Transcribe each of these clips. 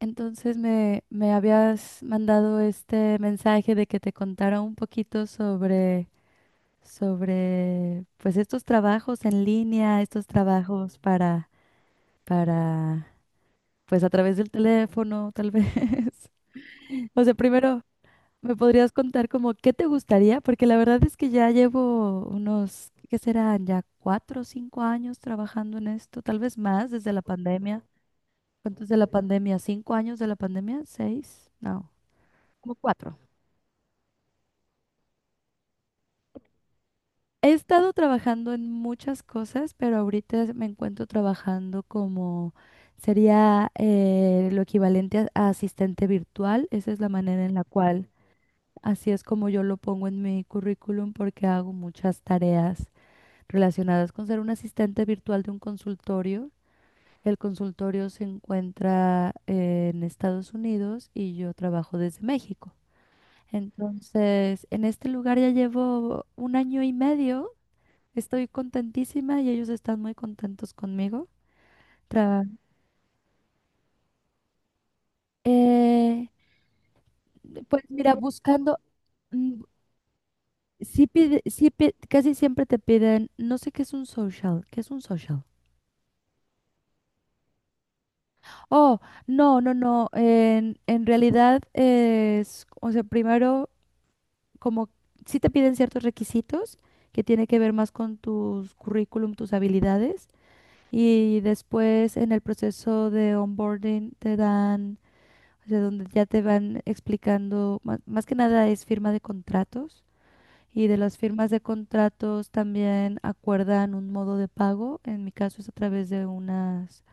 Entonces me habías mandado este mensaje de que te contara un poquito sobre pues estos trabajos en línea, estos trabajos para pues a través del teléfono, tal vez. O sea, primero, ¿me podrías contar como qué te gustaría? Porque la verdad es que ya llevo unos, ¿qué serán? Ya 4 o 5 años trabajando en esto, tal vez más desde la pandemia. ¿Cuántos de la pandemia? ¿5 años de la pandemia? ¿Seis? No, como cuatro. He estado trabajando en muchas cosas, pero ahorita me encuentro trabajando como sería lo equivalente a asistente virtual. Esa es la manera en la cual, así es como yo lo pongo en mi currículum porque hago muchas tareas relacionadas con ser un asistente virtual de un consultorio. El consultorio se encuentra en Estados Unidos y yo trabajo desde México. Entonces, en este lugar ya llevo un año y medio. Estoy contentísima y ellos están muy contentos conmigo. Tra- eh, pues mira, buscando, mm, casi siempre te piden, no sé qué es un social. ¿Qué es un social? Oh, no, no, no, en realidad es, o sea, primero, como sí te piden ciertos requisitos que tiene que ver más con tus currículum, tus habilidades, y después en el proceso de onboarding te dan, o sea, donde ya te van explicando, más, que nada es firma de contratos, y de las firmas de contratos también acuerdan un modo de pago. En mi caso es a través de unas,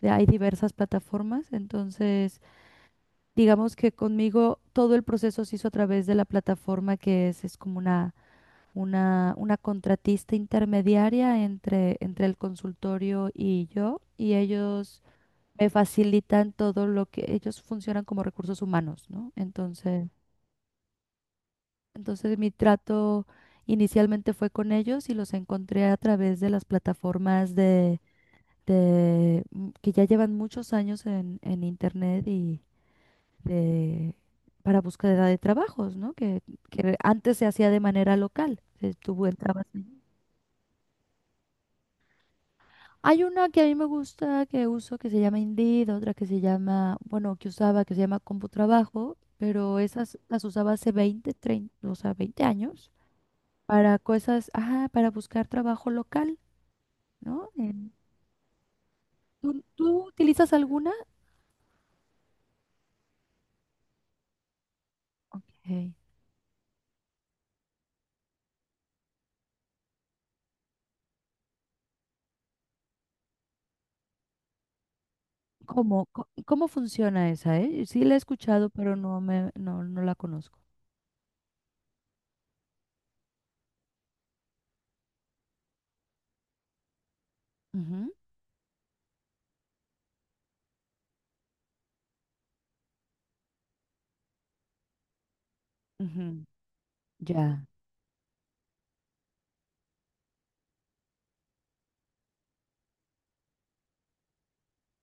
de, hay diversas plataformas. Entonces digamos que conmigo todo el proceso se hizo a través de la plataforma, que es como una, contratista intermediaria entre el consultorio y yo, y ellos me facilitan todo. Lo que ellos funcionan como recursos humanos, ¿no? Entonces, mi trato inicialmente fue con ellos, y los encontré a través de las plataformas de que ya llevan muchos años en internet, y de para búsqueda de trabajos, ¿no? Que antes se hacía de manera local. Tú entrabas. Hay una que a mí me gusta, que uso, que se llama Indeed; otra que se llama, bueno, que usaba, que se llama CompuTrabajo, pero esas las usaba hace 20 treinta, o sea, 20 años para cosas, ajá, para buscar trabajo local, ¿no? En- ¿tú utilizas alguna? Ok. ¿Cómo, cómo funciona esa, Sí la he escuchado, pero no me, no, no la conozco. Ujú, ujú, ya,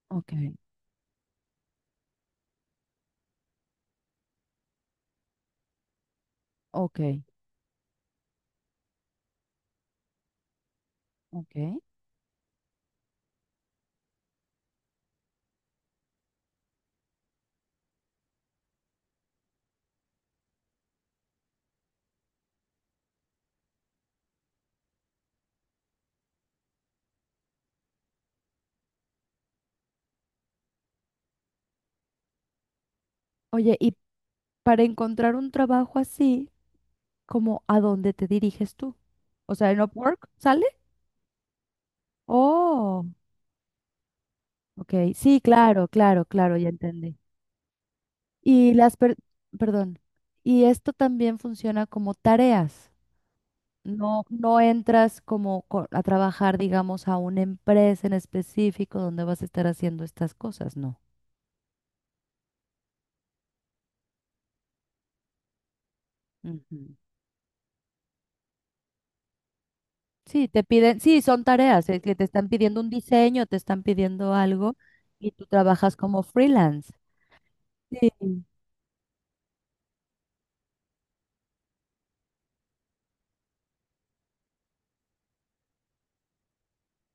ok, ok, ok. Oye, y para encontrar un trabajo así, ¿como a dónde te diriges tú? O sea, en Upwork sale. Oh, ok. Sí, claro, claro, claro, ya entendí. Y las, perdón, y esto también funciona como tareas. No, no entras como a trabajar, digamos, a una empresa en específico donde vas a estar haciendo estas cosas, no. Ujú. Sí, te piden, sí, son tareas, es que te están pidiendo un diseño, te están pidiendo algo, y tú trabajas como freelance. Sí.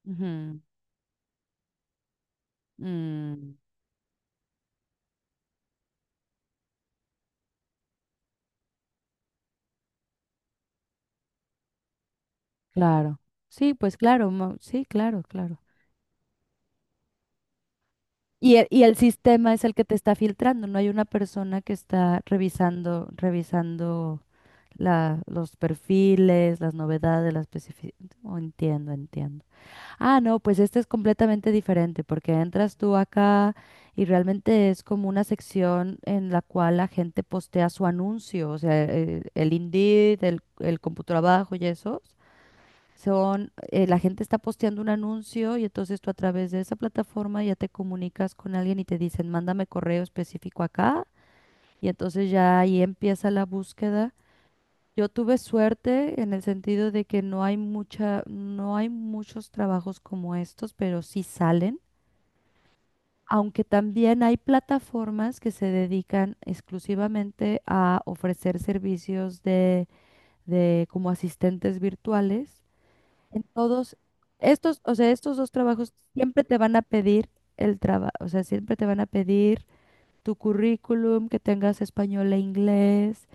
Ujú. Mm. Claro. Sí, pues claro, sí, claro, claro. Y el sistema es el que te está filtrando, no hay una persona que está revisando, revisando la, los perfiles, las novedades, las especificaciones. Entiendo, entiendo. Ah, no, pues este es completamente diferente, porque entras tú acá y realmente es como una sección en la cual la gente postea su anuncio, o sea, el Indeed, el CompuTrabajo y eso. Son, la gente está posteando un anuncio, y entonces tú a través de esa plataforma ya te comunicas con alguien y te dicen, mándame correo específico acá. Y entonces ya ahí empieza la búsqueda. Yo tuve suerte en el sentido de que no hay mucha, no hay muchos trabajos como estos, pero sí salen. Aunque también hay plataformas que se dedican exclusivamente a ofrecer servicios de, como asistentes virtuales. En todos estos, o sea, estos dos trabajos siempre te van a pedir el trabajo, o sea, siempre te van a pedir tu currículum, que tengas español e inglés,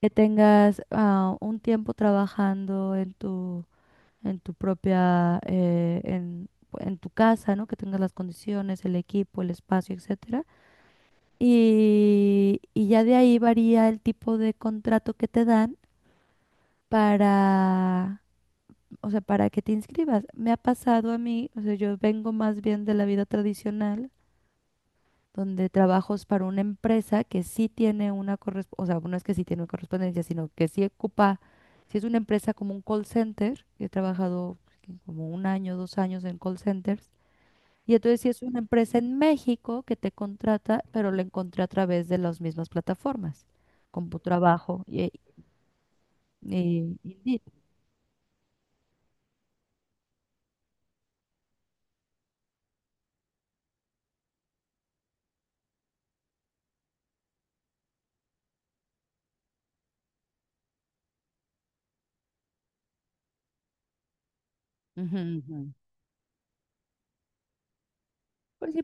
que tengas un tiempo trabajando en tu propia, en tu casa, ¿no? Que tengas las condiciones, el equipo, el espacio, etcétera. Y ya de ahí varía el tipo de contrato que te dan para, o sea, para que te inscribas. Me ha pasado a mí, o sea, yo vengo más bien de la vida tradicional, donde trabajos para una empresa que sí tiene una correspondencia, o sea, no es que sí tiene una correspondencia, sino que sí ocupa, si es una empresa como un call center, he trabajado como un año, 2 años en call centers, y entonces si es una empresa en México que te contrata, pero la encontré a través de las mismas plataformas, CompuTrabajo y Indeed. Ujú, ujú.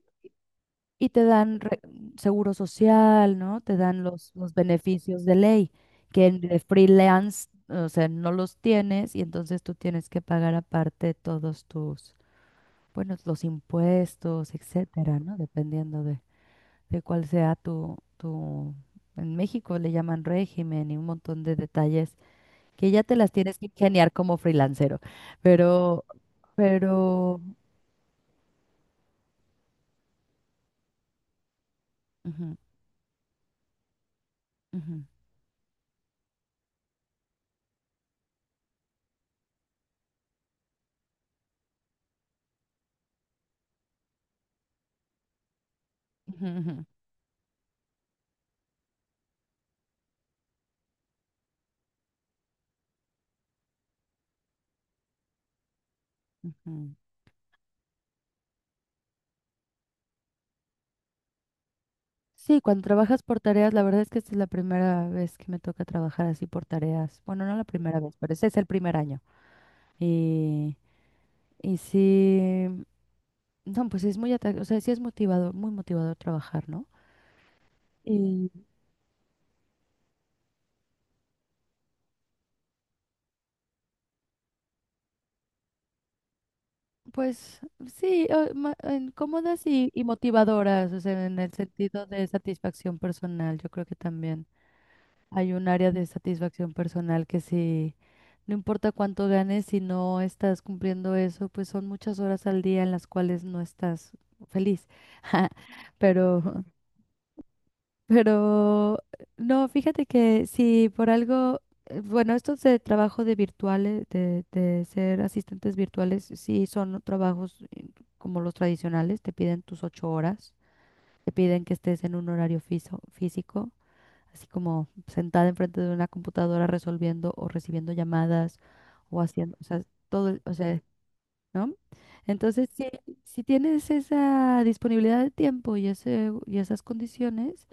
Y te dan seguro social, ¿no? Te dan los beneficios de ley, que en de freelance, o sea, no los tienes, y entonces tú tienes que pagar aparte todos tus, bueno, los impuestos, etcétera, ¿no? Dependiendo de, cuál sea tu, tu, en México le llaman régimen, y un montón de detalles que ya te las tienes que ingeniar como freelancero. Pero, pero, ujú, ujú, ujú, ujú, ujú. Sí, cuando trabajas por tareas, la verdad es que esta es la primera vez que me toca trabajar así por tareas. Bueno, no la primera vez, pero ese es el primer año. Y, y sí, no, pues es muy, o sea, sí es motivador, muy motivador trabajar, ¿no? Y pues sí, en cómodas y motivadoras, o sea, en el sentido de satisfacción personal, yo creo que también. Hay un área de satisfacción personal que si no importa cuánto ganes, si no estás cumpliendo eso, pues son muchas horas al día en las cuales no estás feliz. Pero, pero, no, fíjate que si por algo, bueno, estos de trabajo de virtuales, de ser asistentes virtuales, sí son trabajos como los tradicionales, te piden tus 8 horas, te piden que estés en un horario físico, así como sentada enfrente de una computadora resolviendo o recibiendo llamadas o haciendo, o sea, todo, o sea, ¿no? Entonces, si, si tienes esa disponibilidad de tiempo y, ese, y esas condiciones,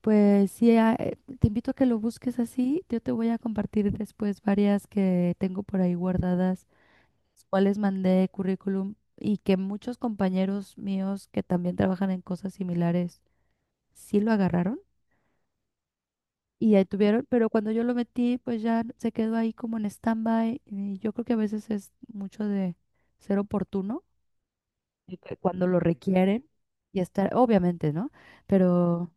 pues sí, te invito a que lo busques así. Yo te voy a compartir después varias que tengo por ahí guardadas, las cuales mandé currículum, y que muchos compañeros míos que también trabajan en cosas similares sí lo agarraron. Y ahí tuvieron, pero cuando yo lo metí, pues ya se quedó ahí como en stand-by. Y yo creo que a veces es mucho de ser oportuno, y que cuando lo requieren y estar, obviamente, ¿no? Pero,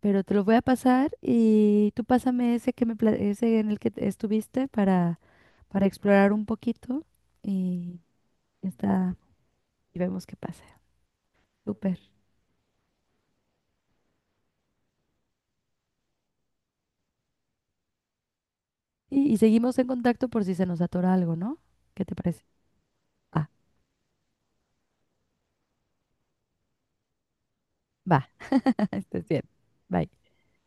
pero te lo voy a pasar, y tú pásame ese que me, ese en el que estuviste para explorar un poquito, y ya está, y vemos qué pasa. Súper. Y seguimos en contacto por si se nos atora algo, ¿no? ¿Qué te parece? Ah, va, estés bien. Bye.